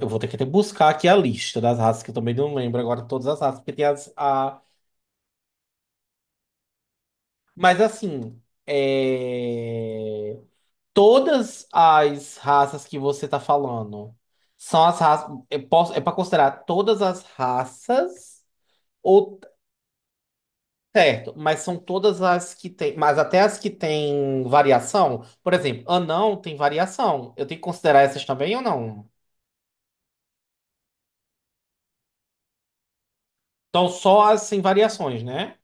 Eu vou ter que até buscar aqui a lista das raças, que eu também não lembro agora todas as raças, porque tem as. A... Mas assim, é, todas as raças que você tá falando são as raças. Eu posso... É para considerar todas as raças, ou certo, mas são todas as que tem. Mas até as que têm variação. Por exemplo, anão tem variação. Eu tenho que considerar essas também ou não? Então, só as sem variações, né?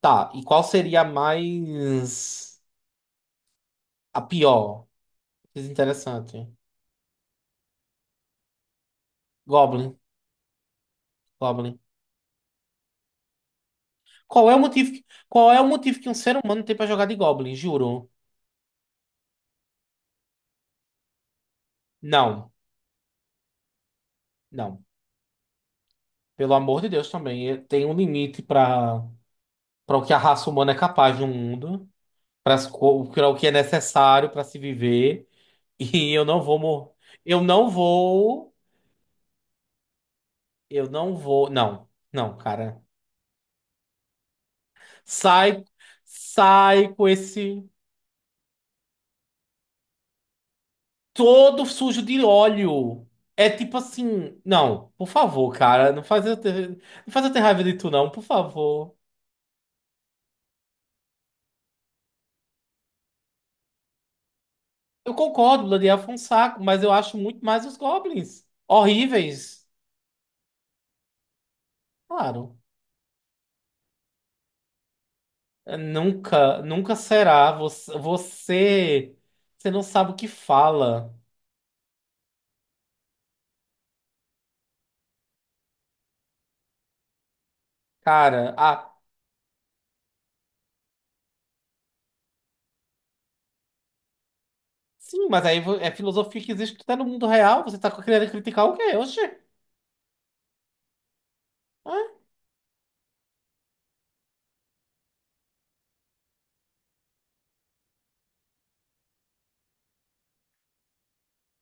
Tá, e qual seria a mais. A pior. Isso é interessante. Goblin. Goblin. Qual é o motivo que um ser humano tem pra jogar de Goblin? Juro. Não. Não. Pelo amor de Deus também. Tem um limite pra para o que a raça humana é capaz no mundo, para para o que é necessário pra se viver. E eu não vou morrer. Eu não vou. Eu não vou. Não. Não, cara. Sai, sai com esse. Todo sujo de óleo. É tipo assim, não, por favor, cara, não faz eu ter raiva de tu, não, por favor. Eu concordo, Blood foi um saco, mas eu acho muito mais os goblins. Horríveis, claro. Nunca será. Você, você não sabe o que fala, cara. Ah, sim, mas aí é filosofia que existe até no mundo real. Você tá querendo criticar o quê? Oxê.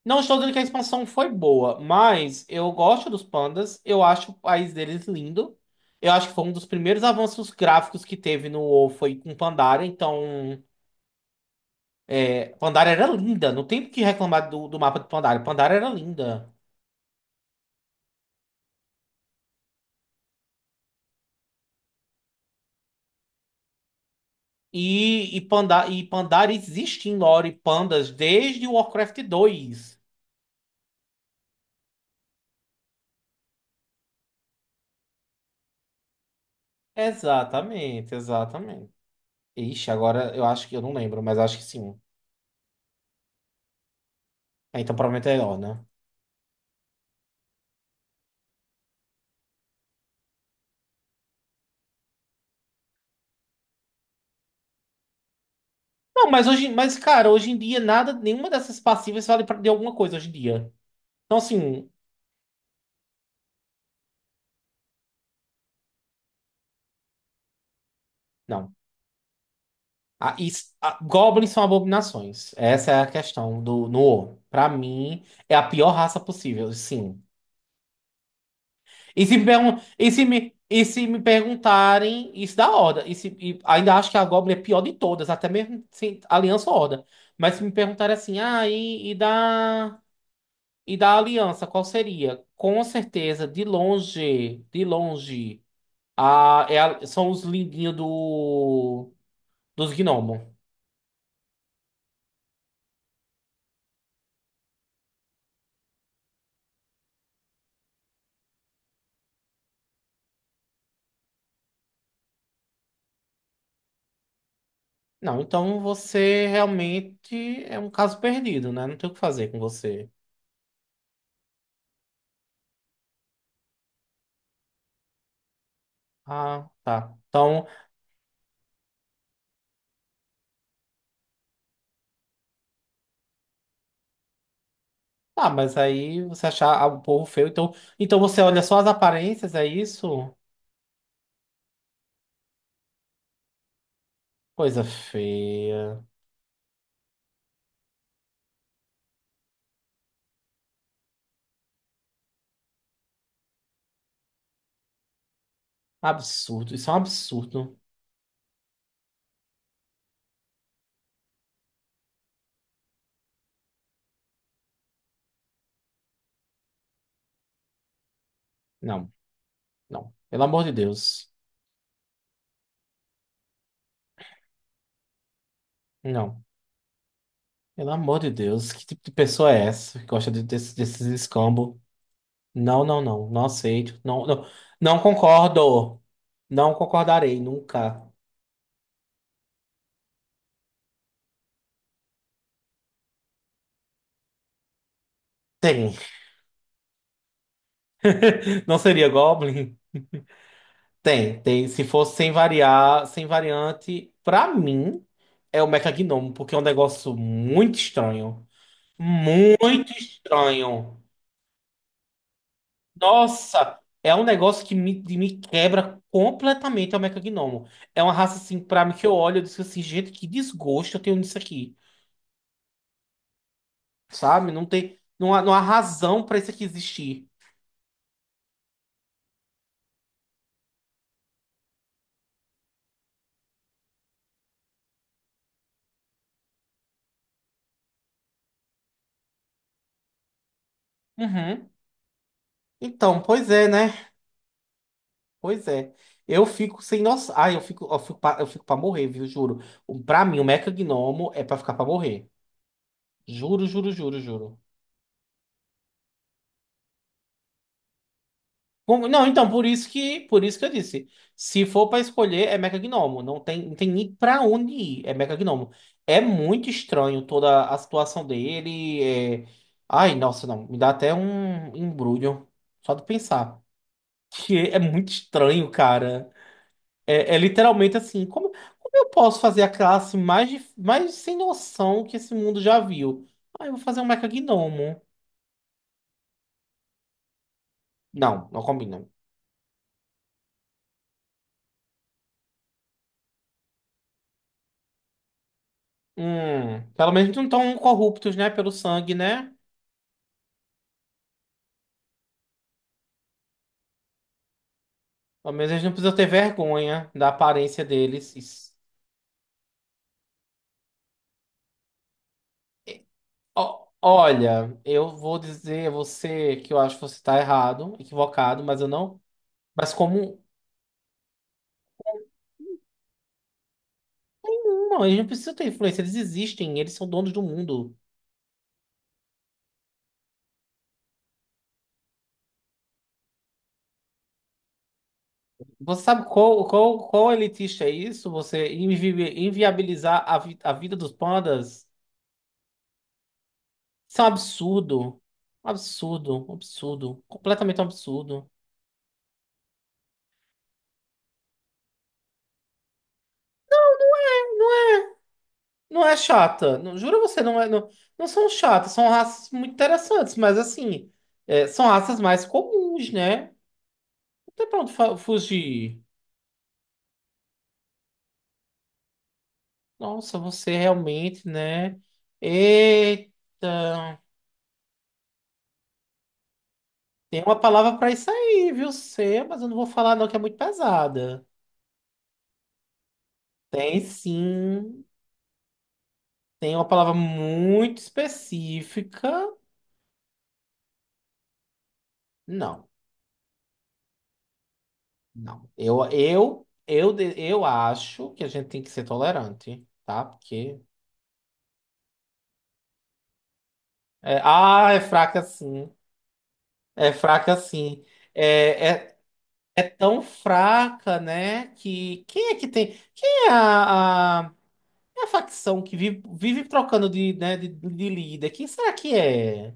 Não estou dizendo que a expansão foi boa, mas eu gosto dos pandas, eu acho o país deles lindo. Eu acho que foi um dos primeiros avanços gráficos que teve no WoW foi com Pandaria, então Pandaria era linda, não tem o que reclamar do mapa de Pandaria. Pandaria era linda. Panda, e Pandaria existe em lore pandas desde o Warcraft 2. Exatamente, exatamente. Ixi, agora eu acho que eu não lembro, mas acho que sim. Ah, então provavelmente é ó, né? Não, mas hoje, mas cara, hoje em dia nada, nenhuma dessas passivas vale pra, de alguma coisa hoje em dia. Então assim, não. Goblins são abominações. Essa é a questão do no WoW. Pra mim é a pior raça possível, sim. E se me pergun- e se me perguntarem isso da Horda, e se e ainda acho que a Goblin é pior de todas, até mesmo sem Aliança ou Horda. Mas se me perguntarem assim, ah, e da Aliança, qual seria? Com certeza, de longe são os lindinhos dos gnomos. Não, então você realmente é um caso perdido, né? Não tem o que fazer com você. Ah, tá. Então, ah, mas aí você achar ah, o povo feio, então, então você olha só as aparências, é isso? Coisa feia. Absurdo. Isso é um absurdo. Não, não. Pelo amor de Deus. Não. Pelo amor de Deus. Que tipo de pessoa é essa que gosta de- desse- desses escambos? Não, não, não. Não aceito. Não, não, não concordo. Não concordarei nunca. Tem. Não seria Goblin? Tem, tem. Se fosse sem variar, sem variante, pra mim é o Mecha-Gnomo, porque é um negócio muito estranho. Muito estranho. Nossa, é um negócio que me quebra completamente é o Mecha-Gnomo. É uma raça assim, pra mim que eu olho e digo assim, gente, que desgosto eu tenho nisso aqui. Sabe? Não há razão pra isso aqui existir. Uhum. Então, pois é, né? Pois é. Eu fico sem noção. Ai, eu fico pra morrer, viu? Juro. Pra mim, o Mecha Gnomo é pra ficar pra morrer. Juro, juro, juro, juro. Não, então, por isso que eu disse. Se for pra escolher, é Mecha Gnomo. Não tem nem pra onde ir. É Mecha Gnomo. É muito estranho toda a situação dele. Ai, nossa, não. Me dá até um embrulho. Só de pensar. Que é muito estranho, cara. É, é literalmente assim, como eu posso fazer a classe mais sem noção que esse mundo já viu? Ah, eu vou fazer um mecagnomo. Não, não combinam. Pelo menos não estão corruptos, né? Pelo sangue, né? Pelo menos eles não precisam ter vergonha da aparência deles. É, Ó, olha, eu vou dizer a você que eu acho que você está errado, equivocado, mas eu não. Mas como. Não, eles não precisam ter influência, eles existem, eles são donos do mundo. Você sabe qual elitista é isso? Você inviabilizar a vida dos pandas? Isso é um absurdo. Um absurdo, um absurdo. Completamente um absurdo. Não é chata. Não, juro você, não é. Não, não são chatas, são raças muito interessantes, mas assim, são raças mais comuns, né? Não tem pra onde fugir. Nossa, você realmente, né? Eita. Tem uma palavra pra isso aí, viu? Você, mas eu não vou falar, não, que é muito pesada. Tem sim. Tem uma palavra muito específica. Não, não. Eu, eu acho que a gente tem que ser tolerante, tá? Porque. É fraca sim. É fraca sim. É, é, é tão fraca, né? Que. Quem é que tem. Quem é é a facção que vive, vive trocando de, né, de líder? Quem será que é?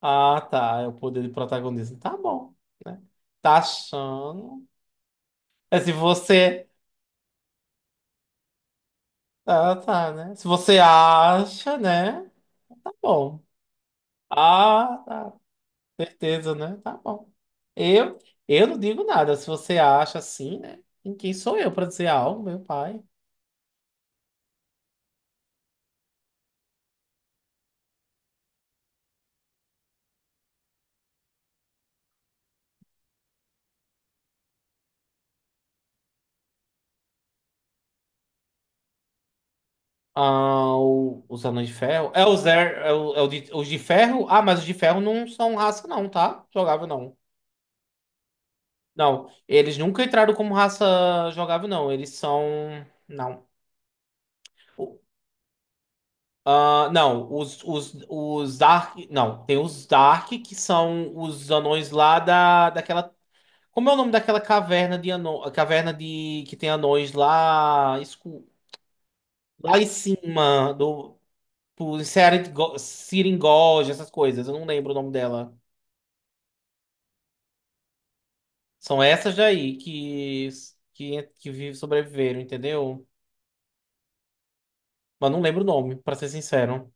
Ah, tá. É o poder de protagonismo. Tá bom. Né? Tá achando. É se você. Ah, tá, né? Se você acha, né? Tá bom. Ah, tá. Certeza, né? Tá bom. Eu, eu não digo nada. Se você acha assim, né? Em quem sou eu pra dizer algo, meu pai? Ah, os anões de ferro. É, é, é os de ferro? Ah, mas os de ferro não são raça, não, tá? Jogável, não. Não, eles nunca entraram como raça jogável, não. Eles são. Não. Ah, não, os Dark. Não, tem os Dark, que são os anões lá daquela. Como é o nome daquela caverna de anões? A caverna de que tem anões lá, lá em cima, do por Seringoja, essas coisas. Eu não lembro o nome dela. São essas daí que sobreviveram, entendeu? Mas não lembro o nome, pra ser sincero.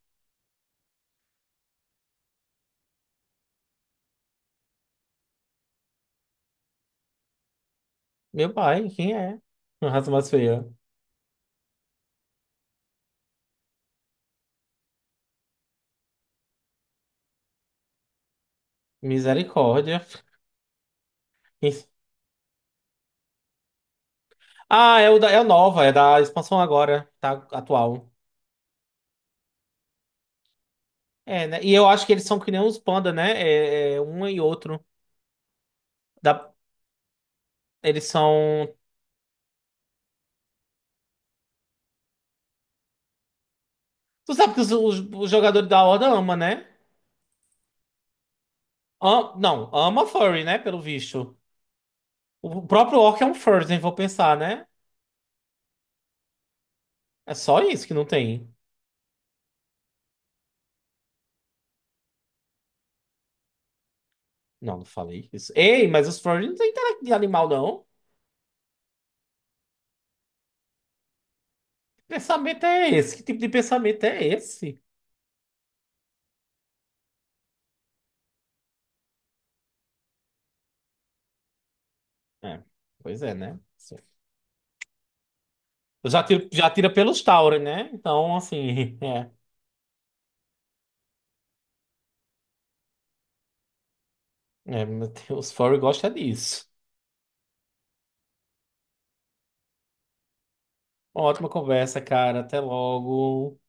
Meu pai, quem é? A raça mais feia. Misericórdia. Ah, é o da, é o nova, é da expansão agora, tá atual. É, né? E eu acho que eles são que nem os panda, né? É, é um e outro. Da, eles são. Tu sabe que os, os jogadores da Horda ama, né? Não, ama furry, né? Pelo visto. O próprio Orc é um furry, se vou pensar, né? É só isso que não tem. Não, não falei isso. Ei, mas os furry não tem intelecto de animal, não. Que pensamento é esse? Que tipo de pensamento é esse? É, pois é, né? Eu já tiro, já tira pelos Tauri, né? Então, assim, é. É, meu Deus, furry gosta disso. Ótima conversa, cara. Até logo.